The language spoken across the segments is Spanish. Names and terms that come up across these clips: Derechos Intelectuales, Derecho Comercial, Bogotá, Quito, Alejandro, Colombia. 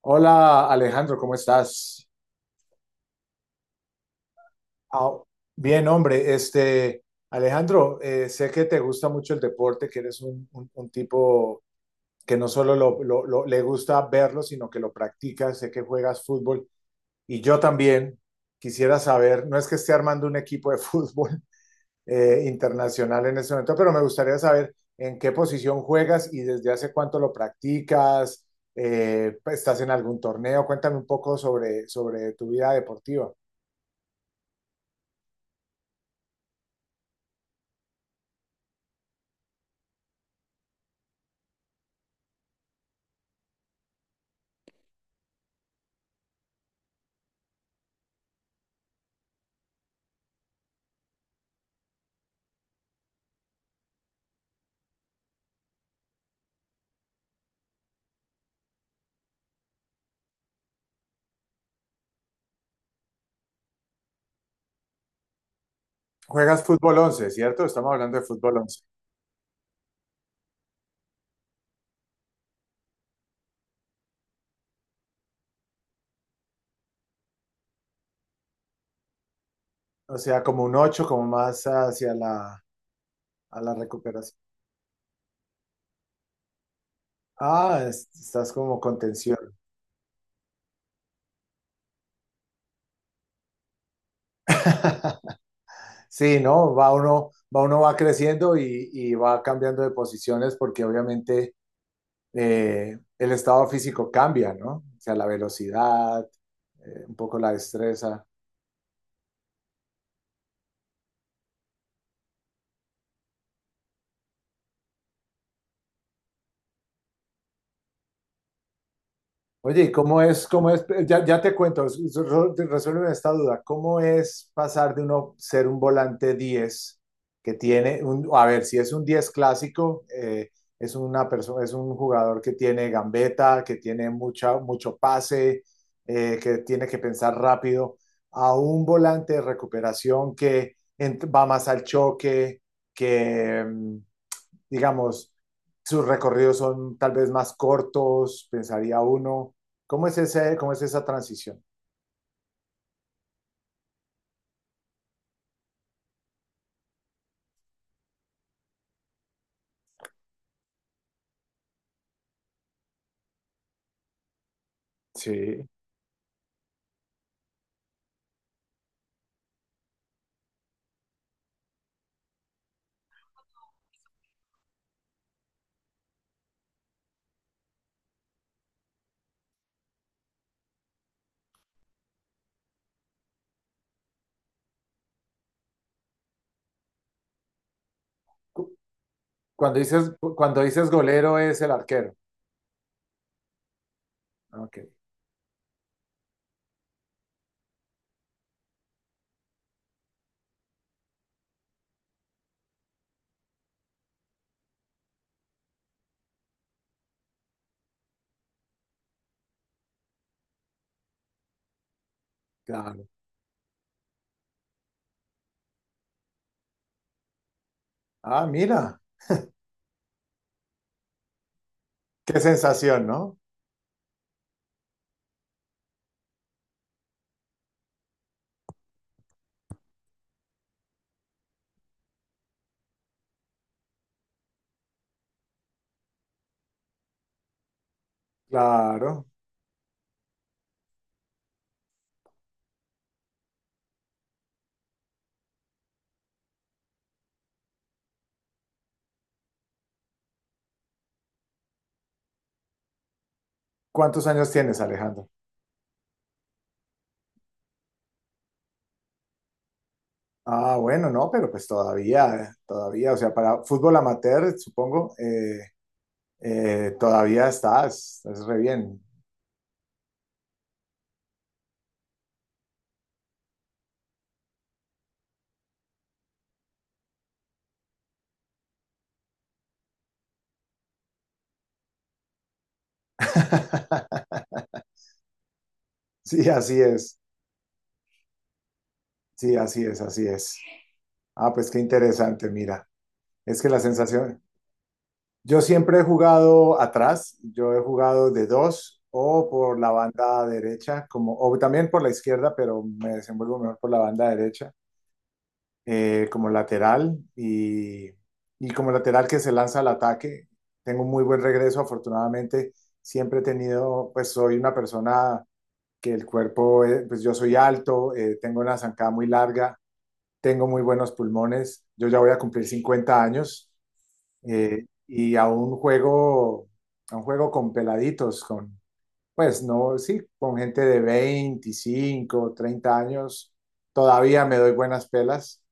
Hola Alejandro, ¿cómo estás? Ah, bien, hombre, este Alejandro, sé que te gusta mucho el deporte, que eres un tipo que no solo le gusta verlo, sino que lo practica, sé que juegas fútbol y yo también quisiera saber, no es que esté armando un equipo de fútbol internacional en este momento, pero me gustaría saber en qué posición juegas y desde hace cuánto lo practicas, estás en algún torneo, cuéntame un poco sobre tu vida deportiva. Juegas fútbol 11, ¿cierto? Estamos hablando de fútbol once. O sea, como un 8, como más hacia a la recuperación. Ah, estás como contención. Sí, ¿no? Va uno va creciendo y va cambiando de posiciones porque obviamente el estado físico cambia, ¿no? O sea, la velocidad, un poco la destreza. Oye, ¿y cómo es, ya, ya te cuento, resuélveme esta duda? ¿Cómo es pasar de uno ser un volante diez que tiene, a ver, si es un 10 clásico, es una persona, es un jugador que tiene gambeta, que tiene mucho pase, que tiene que pensar rápido, a un volante de recuperación que va más al choque, que, digamos, sus recorridos son tal vez más cortos, pensaría uno? ¿Cómo es ese, cómo es esa transición? Sí. Cu- cuando dices golero es el arquero. Ah, ok, claro. Ah, mira, qué sensación, ¿no? Claro. ¿Cuántos años tienes, Alejandro? Ah, bueno, no, pero pues todavía, todavía, o sea, para fútbol amateur, supongo, todavía estás re bien. Sí, así es, sí, así es, así es. Ah, pues qué interesante, mira. Es que la sensación, yo siempre he jugado atrás, yo he jugado de dos o por la banda derecha, como, o también por la izquierda, pero me desenvuelvo mejor por la banda derecha, como lateral y como lateral que se lanza al ataque. Tengo un muy buen regreso, afortunadamente. Siempre he tenido, pues soy una persona que el cuerpo, pues yo soy alto, tengo una zancada muy larga, tengo muy buenos pulmones. Yo ya voy a cumplir 50 años. eh, y a un juego, a un juego con peladitos, pues no, sí, con gente de 25 30 años, todavía me doy buenas pelas,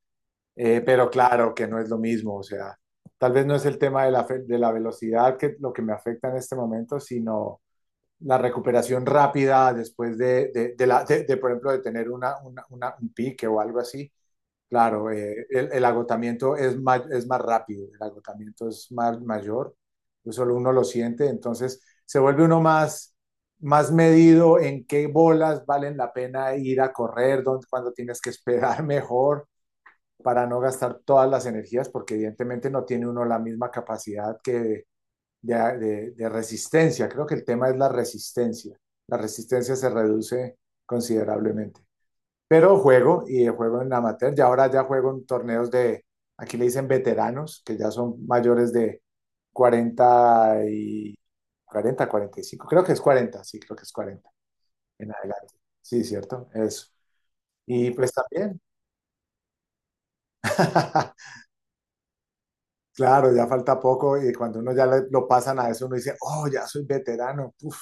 pero claro que no es lo mismo, o sea, tal vez no es el tema de la, de la velocidad que lo que me afecta en este momento, sino la recuperación rápida después de la, de, por ejemplo, de tener un pique o algo así. Claro, el agotamiento es más rápido, el agotamiento es más mayor, eso solo uno lo siente, entonces se vuelve uno más, más medido en qué bolas valen la pena ir a correr, dónde, cuándo tienes que esperar mejor para no gastar todas las energías, porque evidentemente no tiene uno la misma capacidad que de resistencia. Creo que el tema es la resistencia. La resistencia se reduce considerablemente. Pero juego y juego en amateur. Y ahora ya juego en torneos de, aquí le dicen veteranos, que ya son mayores de 40 y, cuarenta, cuarenta y cinco. Creo que es cuarenta, sí, creo que es 40 en adelante. Sí, cierto, eso. Y pues también, claro, ya falta poco y cuando uno ya lo pasan a eso, uno dice, oh, ya soy veterano. Uf,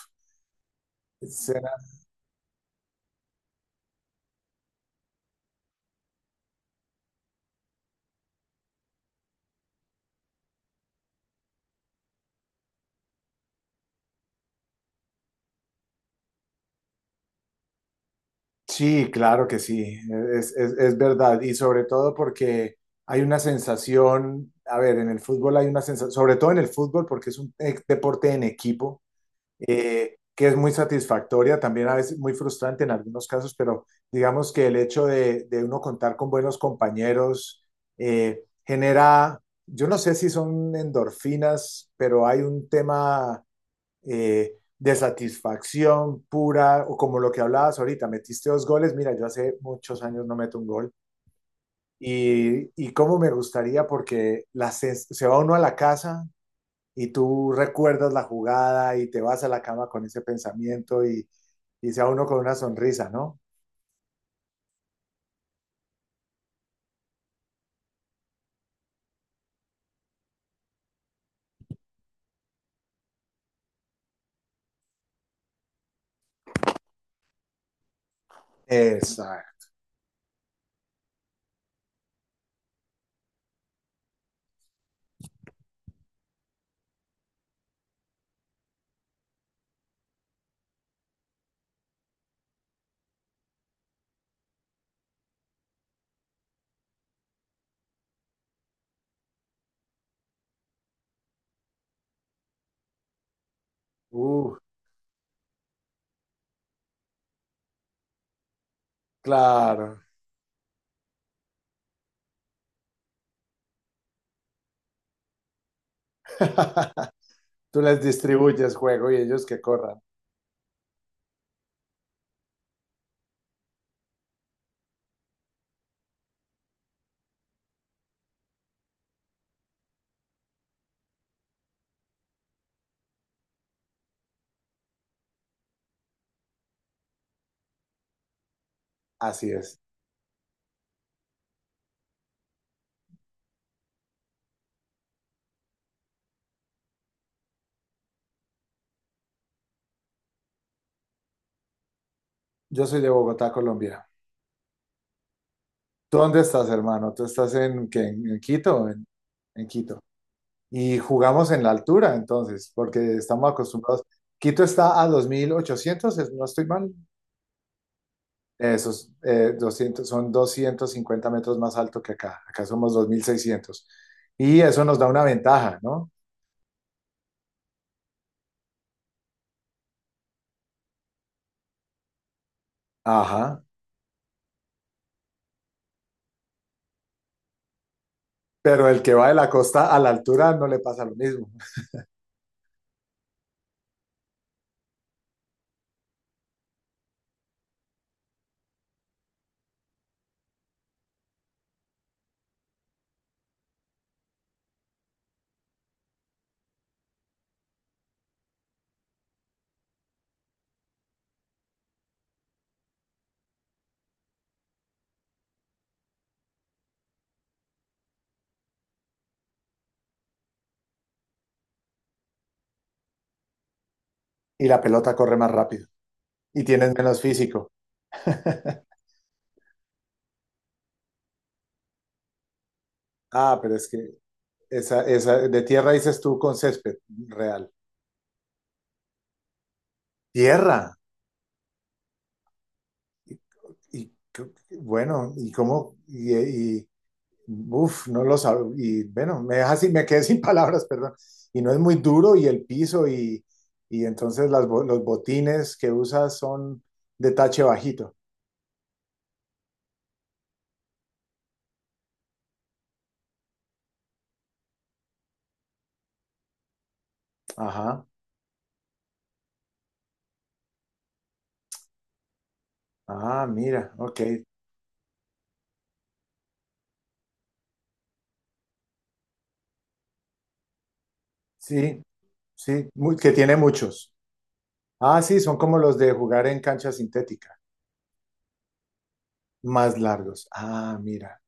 sí, claro que sí, es verdad. Y sobre todo porque hay una sensación, a ver, en el fútbol hay una sensación, sobre todo en el fútbol porque es un deporte en equipo, que es muy satisfactoria, también a veces muy frustrante en algunos casos, pero digamos que el hecho de uno contar con buenos compañeros genera, yo no sé si son endorfinas, pero hay un tema de satisfacción pura, o como lo que hablabas ahorita, metiste dos goles, mira, yo hace muchos años no meto un gol, y cómo me gustaría, porque la se va uno a la casa y tú recuerdas la jugada y te vas a la cama con ese pensamiento y se va uno con una sonrisa, ¿no? Exacto. Uh, claro. Tú les distribuyes juego y ellos que corran. Así es. Yo soy de Bogotá, Colombia. ¿Tú dónde estás, hermano? ¿Tú estás en, qué, en Quito? En Quito. Y jugamos en la altura, entonces, porque estamos acostumbrados. Quito está a 2.800, no estoy mal. Esos 200, son 250 metros más alto que acá. Acá somos dos mil seiscientos. Y eso nos da una ventaja, ¿no? Ajá. Pero el que va de la costa a la altura no le pasa lo mismo. Y la pelota corre más rápido. Y tienes menos físico. Ah, pero es que esa de tierra dices tú con césped real. Tierra. Y, y co- bueno, y cómo, y uf, no lo Y bueno, me deja así, me quedé sin palabras, perdón. Y no es muy duro, y el piso, y entonces las, los botines que usas son de tache bajito. Ajá. Ah, mira, ok. Sí, sí, que tiene muchos. Ah, sí, son como los de jugar en cancha sintética, más largos. Ah, mira.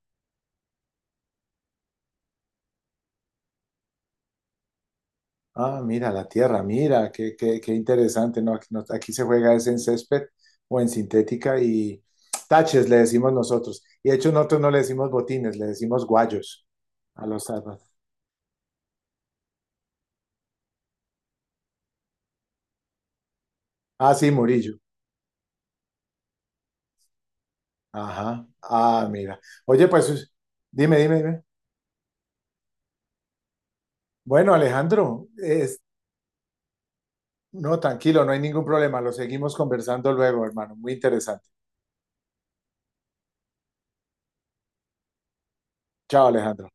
Ah, mira, la tierra, mira, qué, qué, qué interesante, ¿no? Aquí, aquí se juega es en césped o en sintética y taches le decimos nosotros. Y de hecho nosotros no le decimos botines, le decimos guayos a los árboles. Ah, sí, Murillo. Ajá. Ah, mira. Oye, pues dime, dime, dime. Bueno, Alejandro, no, tranquilo, no hay ningún problema. Lo seguimos conversando luego, hermano. Muy interesante. Chao, Alejandro.